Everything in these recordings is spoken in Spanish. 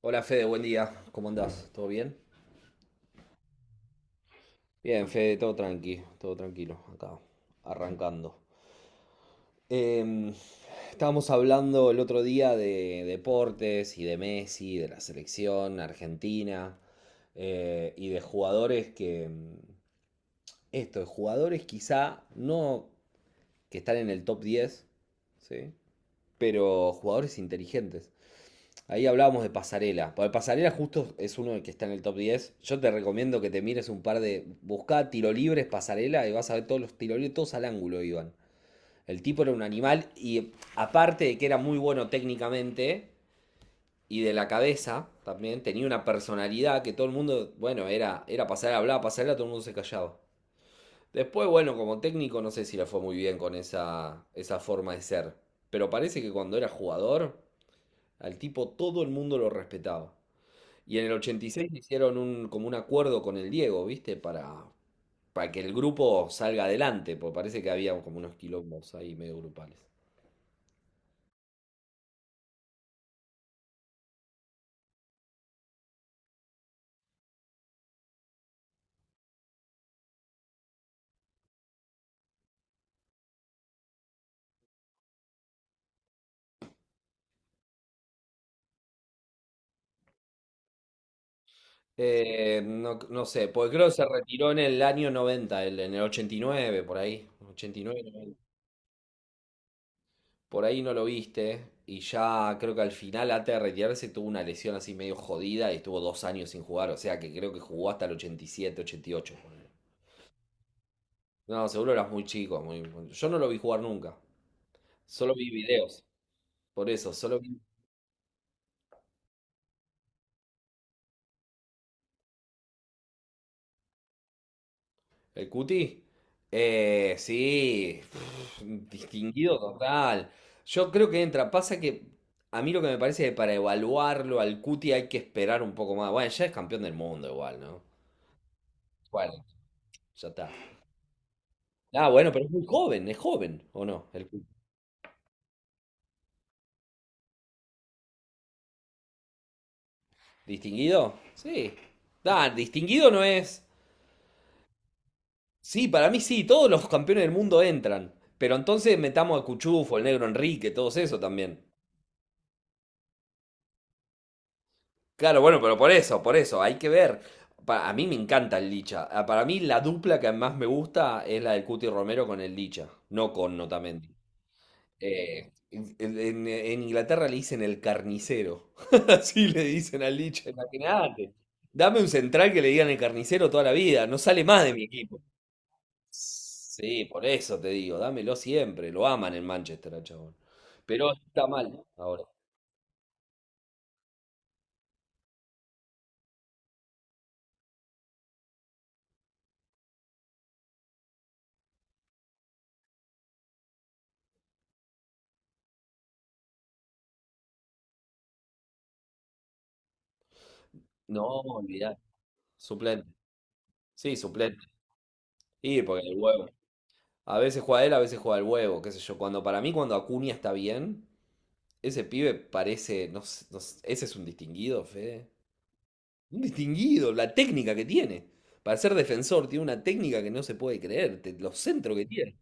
Hola Fede, buen día. ¿Cómo andás? ¿Todo bien? Bien, Fede, todo tranqui, todo tranquilo, acá, arrancando. Em, estábamos hablando el otro día de deportes y de Messi, de la selección argentina y de jugadores que, mm, esto, de jugadores quizá no que están en el top 10, ¿sí? Pero jugadores inteligentes. Ahí hablábamos de Pasarela. Para Pasarela justo es uno que está en el top 10. Yo te recomiendo que te mires un par de... Buscá tiro libres, Pasarela, y vas a ver todos los tiro libres, todos al ángulo iban. El tipo era un animal y aparte de que era muy bueno técnicamente y de la cabeza también, tenía una personalidad que todo el mundo, bueno, era Pasarela, hablaba Pasarela, todo el mundo se callaba. Después, bueno, como técnico no sé si le fue muy bien con esa forma de ser. Pero parece que cuando era jugador, al tipo todo el mundo lo respetaba. Y en el 86 hicieron un, como un acuerdo con el Diego, ¿viste? Para que el grupo salga adelante, porque parece que había como unos quilombos ahí medio grupales. No, no sé, pues creo que se retiró en el año 90, en el 89 por ahí. 89, 90. Por ahí no lo viste. Y ya creo que al final, antes de retirarse, tuvo una lesión así medio jodida y estuvo 2 años sin jugar. O sea que creo que jugó hasta el 87, 88. Ponele. No, seguro eras muy chico. Yo no lo vi jugar nunca. Solo vi videos. Por eso, el cuti. Eh, sí, pff, distinguido total. Yo creo que entra. Pasa que a mí lo que me parece es que para evaluarlo al cuti hay que esperar un poco más. Bueno, ya es campeón del mundo igual, ¿no? Bueno, ya está. Ah, bueno, pero es muy joven, es joven, ¿o no? El Cuti. ¿Distinguido? Sí. Ah, distinguido no es. Sí, para mí sí, todos los campeones del mundo entran. Pero entonces metamos a Cuchufo, el Negro Enrique, todos eso también. Claro, bueno, pero por eso, hay que ver. A mí me encanta el Licha. Ah, para mí la dupla que más me gusta es la del Cuti Romero con el Licha, no con Notamendi. En Inglaterra le dicen el carnicero. Así le dicen al Licha, imagínate. Dame un central que le digan el carnicero toda la vida, no sale más de mi equipo. Sí, por eso te digo, dámelo siempre. Lo aman en Manchester, al chabón. Pero está mal ahora. No, olvidar. Suplente. Sí, suplente. Sí, porque el huevo. A veces juega él, a veces juega el huevo, qué sé yo. Cuando para mí, cuando Acuña está bien, ese pibe parece. No, ese es un distinguido, Fede. Un distinguido, la técnica que tiene. Para ser defensor, tiene una técnica que no se puede creer. Los centros que tiene.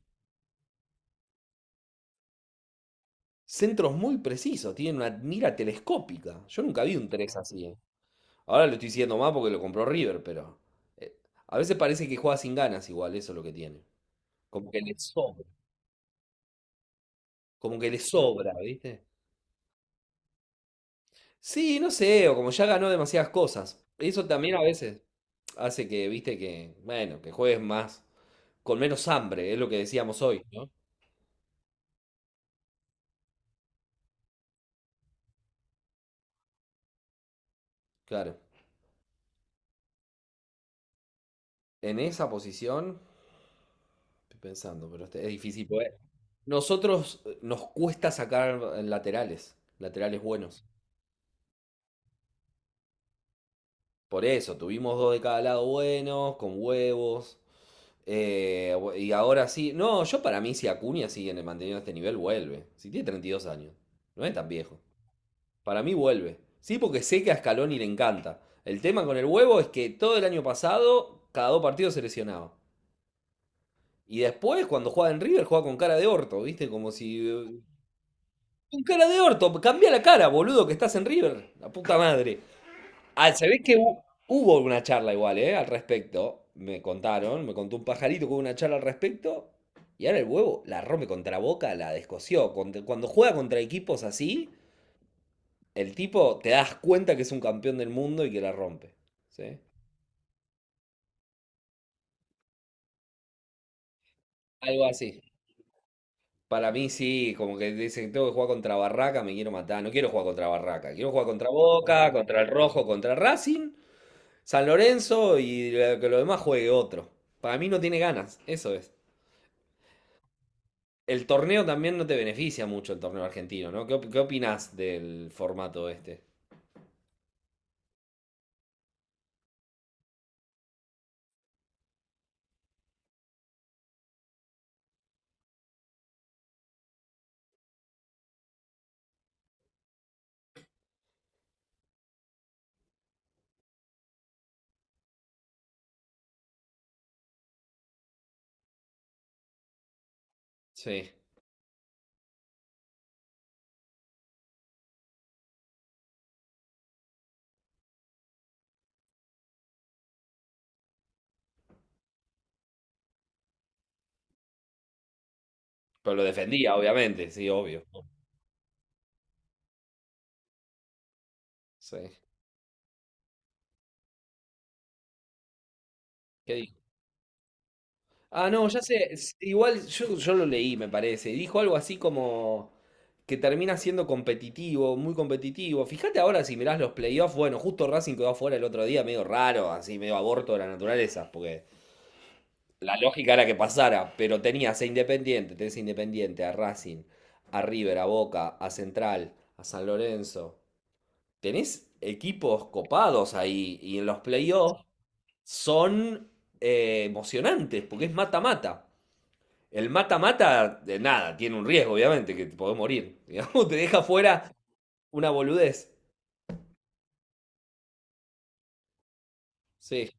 Centros muy precisos, tiene una mira telescópica. Yo nunca vi un 3 así. Ahora lo estoy diciendo más porque lo compró River, pero. eh, a veces parece que juega sin ganas igual, eso es lo que tiene. Como que le sobra. Como que le sobra, ¿viste? Sí, no sé, o como ya ganó demasiadas cosas. Eso también a veces hace que, viste, que, bueno, que juegues más, con menos hambre, es lo que decíamos hoy, ¿no? Claro. En esa posición, estoy pensando, pero es difícil poder. Nosotros nos cuesta sacar laterales buenos. Por eso, tuvimos dos de cada lado buenos, con huevos. Y ahora sí, no, yo para mí si Acuña sigue manteniendo este nivel, vuelve. Si tiene 32 años, no es tan viejo. Para mí vuelve. Sí, porque sé que a Scaloni le encanta. El tema con el huevo es que todo el año pasado, cada 2 partidos se lesionaba. Y después, cuando juega en River, juega con cara de orto, ¿viste? Como si. Con cara de orto, cambia la cara, boludo, que estás en River. La puta madre. Ah, se ve que hu- hubo una charla igual, ¿eh? Al respecto. Me contaron, me contó un pajarito que hubo una charla al respecto. Y ahora el huevo la rompe contra Boca, la descoció. Cuando juega contra equipos así, el tipo te das cuenta que es un campeón del mundo y que la rompe. ¿Sí? Algo así. Para mí sí, como que dicen, tengo que jugar contra Barraca, me quiero matar. No quiero jugar contra Barraca, quiero jugar contra Boca, contra el Rojo, contra Racing, San Lorenzo y que lo demás juegue otro. Para mí no tiene ganas, eso es. El torneo también no te beneficia mucho el torneo argentino, ¿no? ¿Qué, qué opinás del formato este? Sí. Pero lo defendía, obviamente, sí, obvio. Sí. ¿Qué Ah, no, ya sé, igual yo lo leí, me parece. Dijo algo así como que termina siendo competitivo, muy competitivo. Fíjate ahora si mirás los playoffs, bueno, justo Racing quedó afuera el otro día, medio raro, así, medio aborto de la naturaleza, porque la lógica era que pasara, pero tenías a Independiente, tenés a Independiente, a Racing, a River, a Boca, a Central, a San Lorenzo. Tenés equipos copados ahí y en los playoffs son emocionantes, porque es mata-mata. El mata-mata, de nada, tiene un riesgo, obviamente, que te podés morir. Digamos, te deja fuera una boludez. Sí.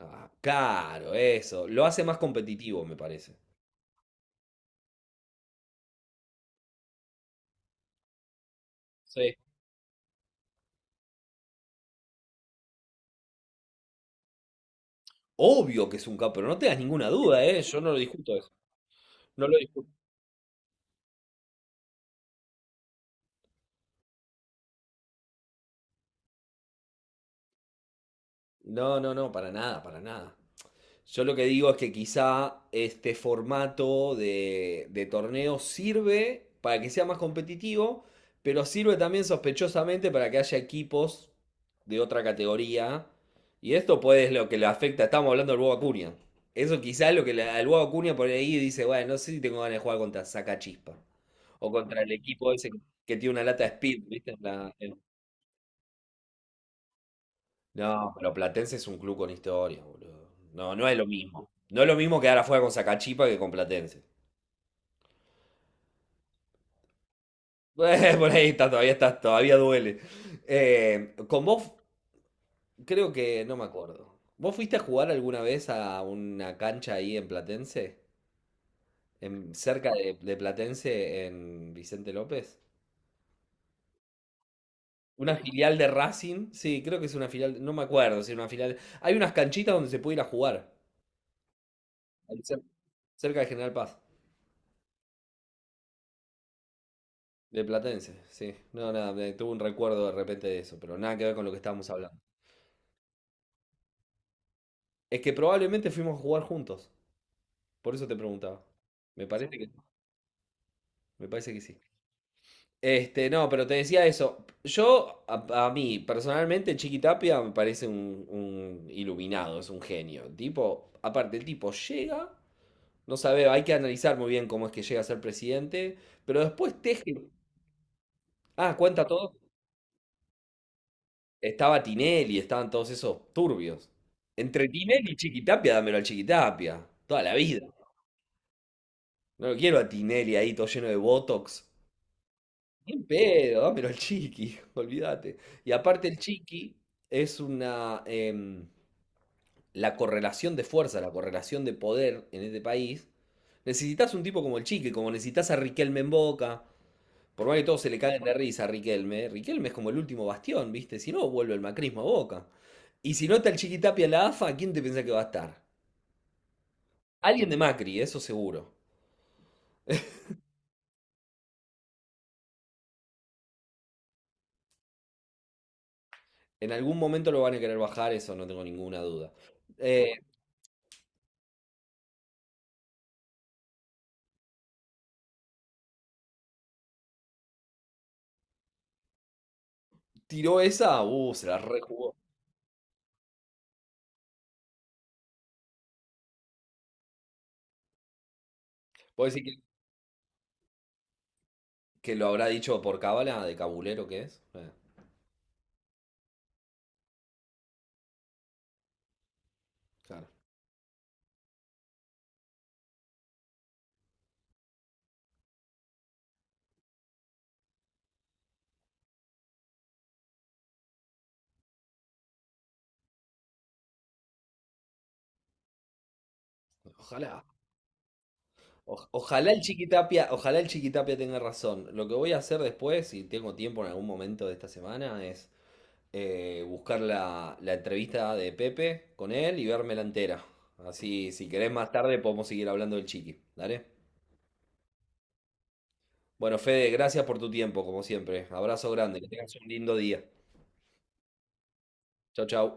Ah, claro, eso. Lo hace más competitivo, me parece. Sí. Obvio que es un capo, pero no tengas ninguna duda, ¿eh? Yo no lo discuto eso. No lo discuto. No, no, no, para nada, para nada. Yo lo que digo es que quizá este formato de torneo sirve para que sea más competitivo, pero sirve también sospechosamente para que haya equipos de otra categoría. Y esto pues es lo que le afecta. Estamos hablando del Bob Acuña. Eso quizá es lo que le, al Bob Acuña por ahí dice, bueno, no sé si tengo ganas de jugar contra Sacachispa. O contra el equipo ese que tiene una lata de speed, ¿viste? En la, en no, pero Platense es un club con historia, boludo. No, no es lo mismo. No es lo mismo quedar afuera con Sacachipa que con Platense. Por ahí está, todavía duele. Con vos, creo que no me acuerdo. ¿Vos fuiste a jugar alguna vez a una cancha ahí en Platense? En, cerca de Platense, en Vicente López. Una filial de Racing, sí, creo que es una filial, no me acuerdo si era una filial. Hay unas canchitas donde se puede ir a jugar, ahí cer- cerca de General Paz. De Platense, sí. No, nada, me tuve un recuerdo de repente de eso, pero nada que ver con lo que estábamos hablando. Es que probablemente fuimos a jugar juntos, por eso te preguntaba. Me parece me parece que sí. Este, no, pero te decía eso. Yo, a mí, personalmente, Chiqui Tapia me parece un iluminado, es un genio. Tipo, aparte, el tipo llega, no sabe, hay que analizar muy bien cómo es que llega a ser presidente, pero después teje. Ah, cuenta todo. Estaba Tinelli, estaban todos esos turbios. Entre Tinelli y Chiquitapia, dámelo al Chiquitapia. Toda la vida. No lo quiero a Tinelli ahí, todo lleno de botox. Bien pedo, dámelo al Chiqui, olvídate. Y aparte el Chiqui es una... la correlación de fuerza, la correlación de poder en este país. Necesitas un tipo como el Chiqui, como necesitas a Riquelme en Boca, por más que todos se le caen de risa a Riquelme, Riquelme es como el último bastión, ¿viste? Si no, vuelve el macrismo a Boca. Y si no está el Chiquitapia en la AFA, ¿quién te piensa que va a estar? Alguien de Macri, eso seguro. En algún momento lo van a querer bajar, eso no tengo ninguna duda. Eh, tiró esa, se la rejugó. ¿Puedo decir que lo habrá dicho por cábala, de cabulero que es? Claro. Ojalá. Ojalá el Chiquitapia tenga razón. Lo que voy a hacer después, si tengo tiempo en algún momento de esta semana, es buscar la entrevista de Pepe con él y vermela entera. Así, si querés más tarde podemos seguir hablando del chiqui. ¿Dale? Bueno, Fede, gracias por tu tiempo, como siempre. Abrazo grande, que tengas un lindo día. Chau, chau.